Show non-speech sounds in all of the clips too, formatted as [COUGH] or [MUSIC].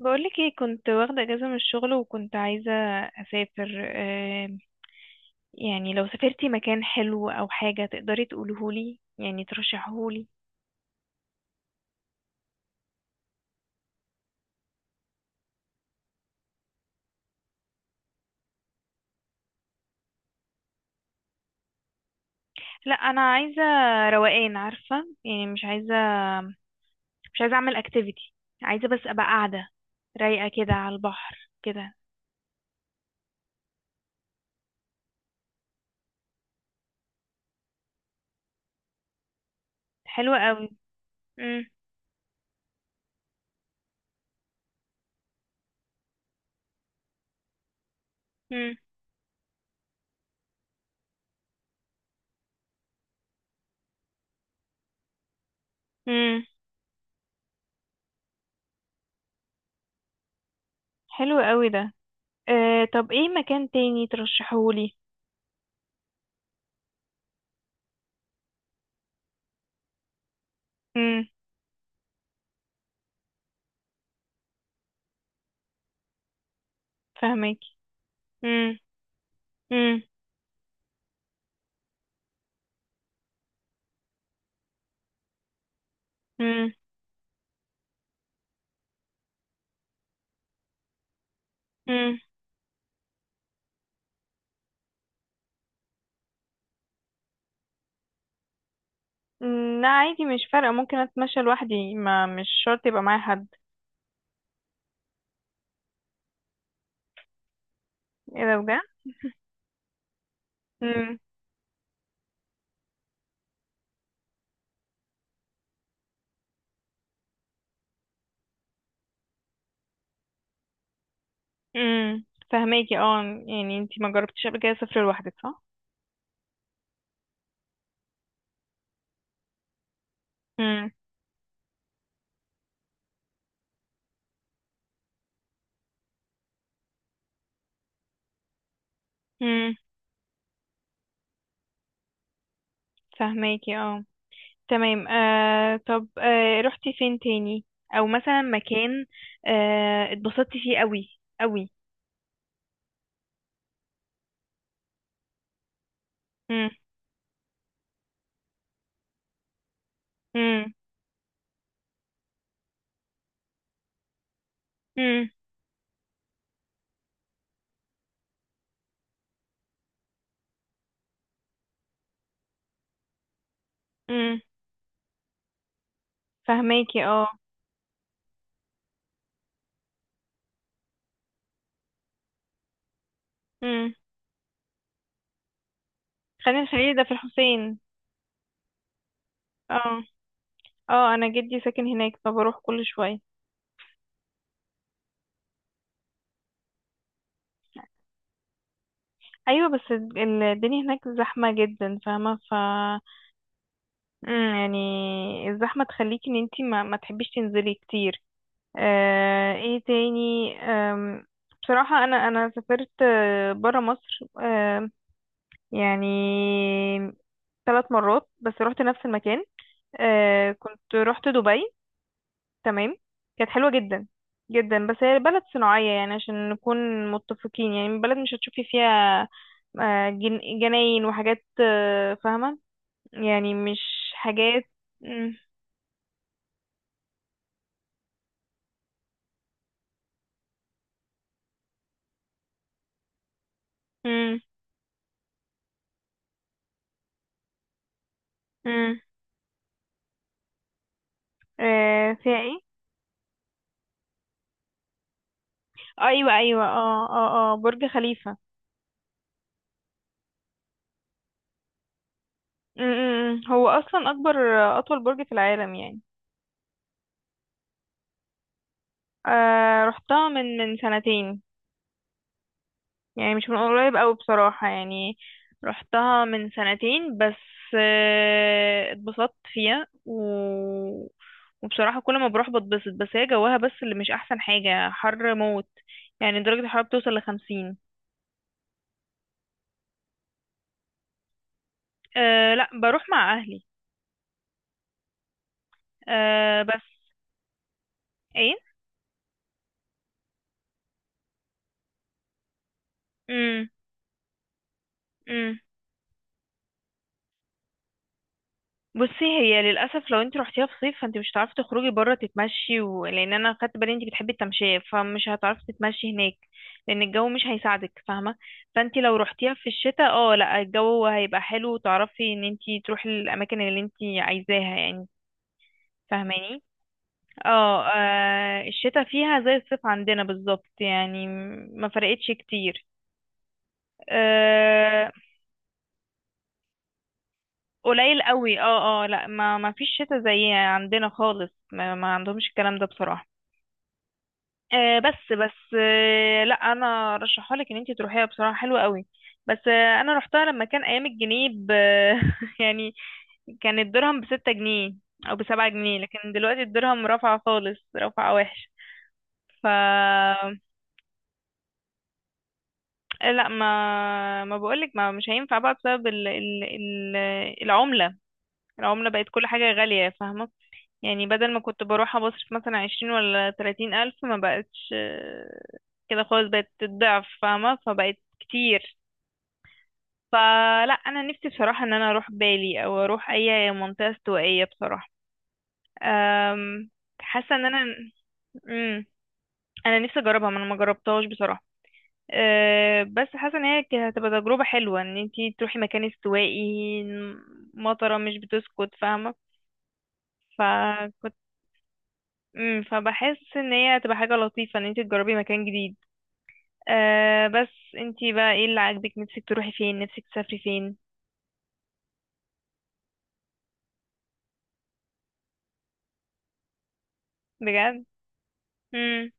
بقولك ايه؟ كنت واخدة اجازة من الشغل وكنت عايزة اسافر. يعني لو سافرتي مكان حلو او حاجة تقدري تقولهولي، يعني ترشحهولي. لا، انا عايزة روقان، عارفة؟ يعني مش عايزة اعمل اكتيفيتي، عايزة بس ابقى قاعدة رايقة كده على البحر كده. حلو قوي. امم. امم. امم. حلو قوي ده. أه، طب ايه مكان تاني ترشحهولي؟ امم. فاهمك. امم. امم. لا، عادي، مش فارقة، ممكن اتمشى لوحدي، ما مش شرط يبقى معايا حد. ايه ده بجد؟ امم. امم. فهماكي اه. يعني انتي ما جربتيش قبل كده سفر لوحدك، صح؟ امم. امم. فهماكي اه. تمام. طب، رحتي فين تاني؟ او مثلا مكان اتبسطتي فيه قوي قوي؟ امم. امم. امم. امم. فهماكي اه. امم. خلينا الخليل ده في الحسين. اه اه، انا جدي ساكن هناك فبروح كل شوية. ايوه، بس الدنيا هناك زحمه جدا، فاهمه؟ ف يعني الزحمه تخليكي ان انتي ما تحبيش تنزلي كتير. ايه تاني؟ بصراحه، انا سافرت بره مصر. يعني 3 مرات بس، رحت نفس المكان. كنت رحت دبي. تمام. كانت حلوة جدا. جدا، بس هي بلد صناعية، يعني عشان نكون متفقين، يعني بلد مش هتشوفي فيها جناين وحاجات، فاهمة؟ يعني مش حاجات. مم. مم. مم. فيها ايه؟ ايوه ايوه، اه اه اه، برج خليفة. مم. مم. مم. هو اصلا اكبر اطول برج في العالم يعني. رحتها من سنتين، يعني مش من قريب أوي بصراحة، يعني رحتها من سنتين بس. اتبسطت فيها وبصراحة كل ما بروح بتبسط، بس هي جواها بس اللي مش أحسن حاجة، حر موت. يعني درجة الحرارة بتوصل لـ50. أه لا، بروح مع أهلي. أه بس ايه؟ مم. مم. بصي، هي للاسف لو انت رحتيها في صيف، فانت مش هتعرفي تخرجي بره تتمشي لان انا خدت بالي انت بتحبي التمشيه، فمش هتعرفي تتمشي هناك، لان الجو مش هيساعدك، فاهمه؟ فانت لو رحتيها في الشتاء، اه لا، الجو هيبقى حلو وتعرفي ان انت تروحي الاماكن اللي انت عايزاها يعني. فاهماني؟ اه. الشتاء فيها زي الصيف عندنا بالظبط، يعني ما فرقتش كتير. آه، قليل قوي، اه اه لا، ما فيش شتاء زي عندنا خالص، ما عندهمش الكلام ده بصراحه. آه بس بس آه لا، انا رشحها لك ان انت تروحيها بصراحه، حلوه قوي. بس انا رحتها لما كان ايام الجنيه ب [LAUGHS] يعني كان الدرهم بـ6 جنيه او بـ7 جنيه، لكن دلوقتي الدرهم رفع خالص، رفع وحش. ف لا، ما بقولك، ما مش هينفع بقى بسبب العمله. العمله بقت كل حاجه غاليه، فاهمه؟ يعني بدل ما كنت بروح أبصرف مثلا 20 ولا 30 ألف، ما بقتش كده خالص، بقت الضعف، فاهمة؟ فبقت كتير. فلا، أنا نفسي بصراحة إن أنا أروح بالي، أو أروح أي منطقة استوائية بصراحة. أم، حاسة إن أنا مم، أنا نفسي أجربها، ما أنا ما جربتهاش بصراحة. بس حاسة إن هي هتبقى تجربة حلوة إن انتي تروحي مكان استوائي، مطرة مش بتسكت، فاهمة؟ فكنت فبحس ان هي هتبقى حاجة لطيفة ان انت تجربي مكان جديد. بس انتي بقى ايه اللي عاجبك؟ نفسك تروحي فين؟ نفسك تسافري فين؟ بجد. امم.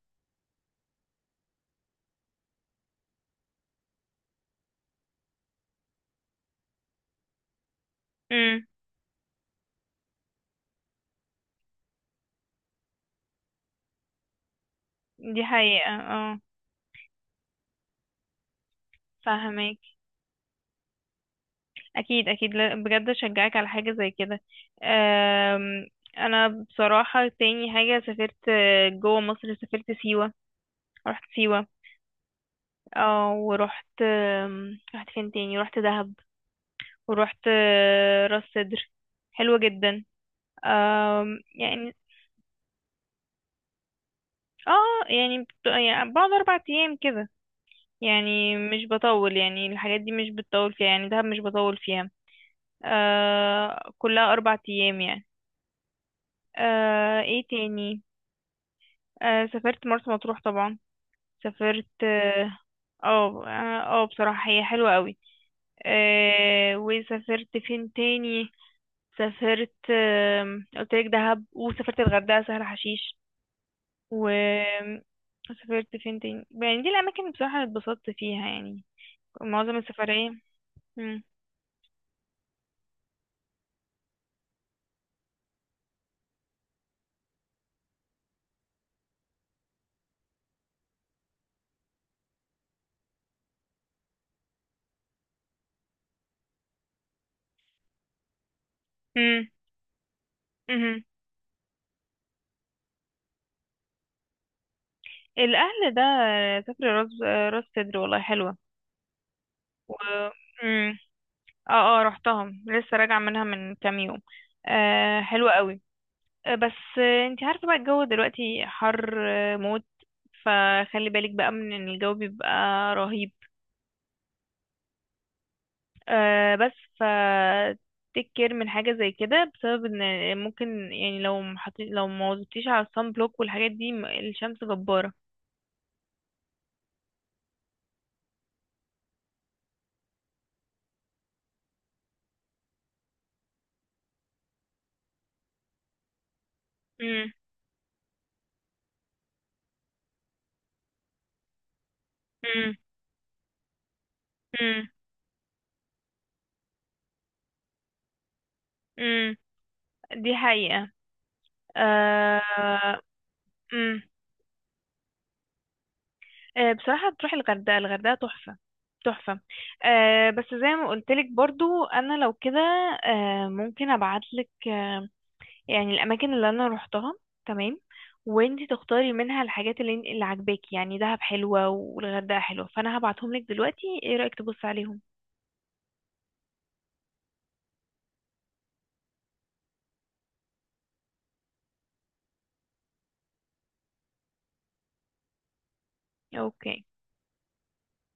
امم. دي حقيقة اه. فاهمك. اكيد اكيد، بجد اشجعك على حاجة زي كده. آم، انا بصراحة تاني حاجة سافرت جوه مصر، سافرت سيوة. رحت سيوة. اه. ورحت رحت فين تاني؟ رحت دهب. ورحت راس سدر. حلوة جدا. يعني اه، يعني يعني بعد 4 ايام كده، يعني مش بطول، يعني الحاجات دي مش بتطول فيها، يعني دهب مش بطول فيها. كلها 4 أيام يعني. ايه تاني؟ سافرت مرسى مطروح طبعا. سافرت اه اه. بصراحة هي حلوة قوي. وسافرت فين تاني؟ سافرت قلت لك دهب، وسافرت الغردقة، سهل حشيش، و سافرت فين تاني؟ يعني دي الأماكن بصراحة اللي اتبسطت فيها، يعني معظم السفرية. مم. مم. الاهل ده سافر راس، راس سدر، والله حلوه. و مم. اه اه، رحتها لسه راجعه منها من كام يوم. حلوه قوي. آه بس آه، انتي عارفه بقى الجو دلوقتي حر موت. فخلي بالك بقى من ان الجو بيبقى رهيب. آه بس ف تيك كير من حاجه زي كده، بسبب ان ممكن يعني لو محطي، لو ما وظبطيش على الصن بلوك والحاجات دي، الشمس جباره. مم. مم. مم. مم. دي حقيقة. آه... مم. بصراحة تروحي الغردقة. الغردقة تحفة. تحفة. بس زي ما قلتلك برضو، أنا لو كده ممكن أبعتلك، آه، يعني الأماكن اللي أنا روحتها. تمام. وانتي تختاري منها الحاجات اللي عاجباكي، يعني دهب حلوة والغردقة حلوة، فأنا هبعتهم لك دلوقتي. ايه رأيك تبص عليهم؟ اوكي.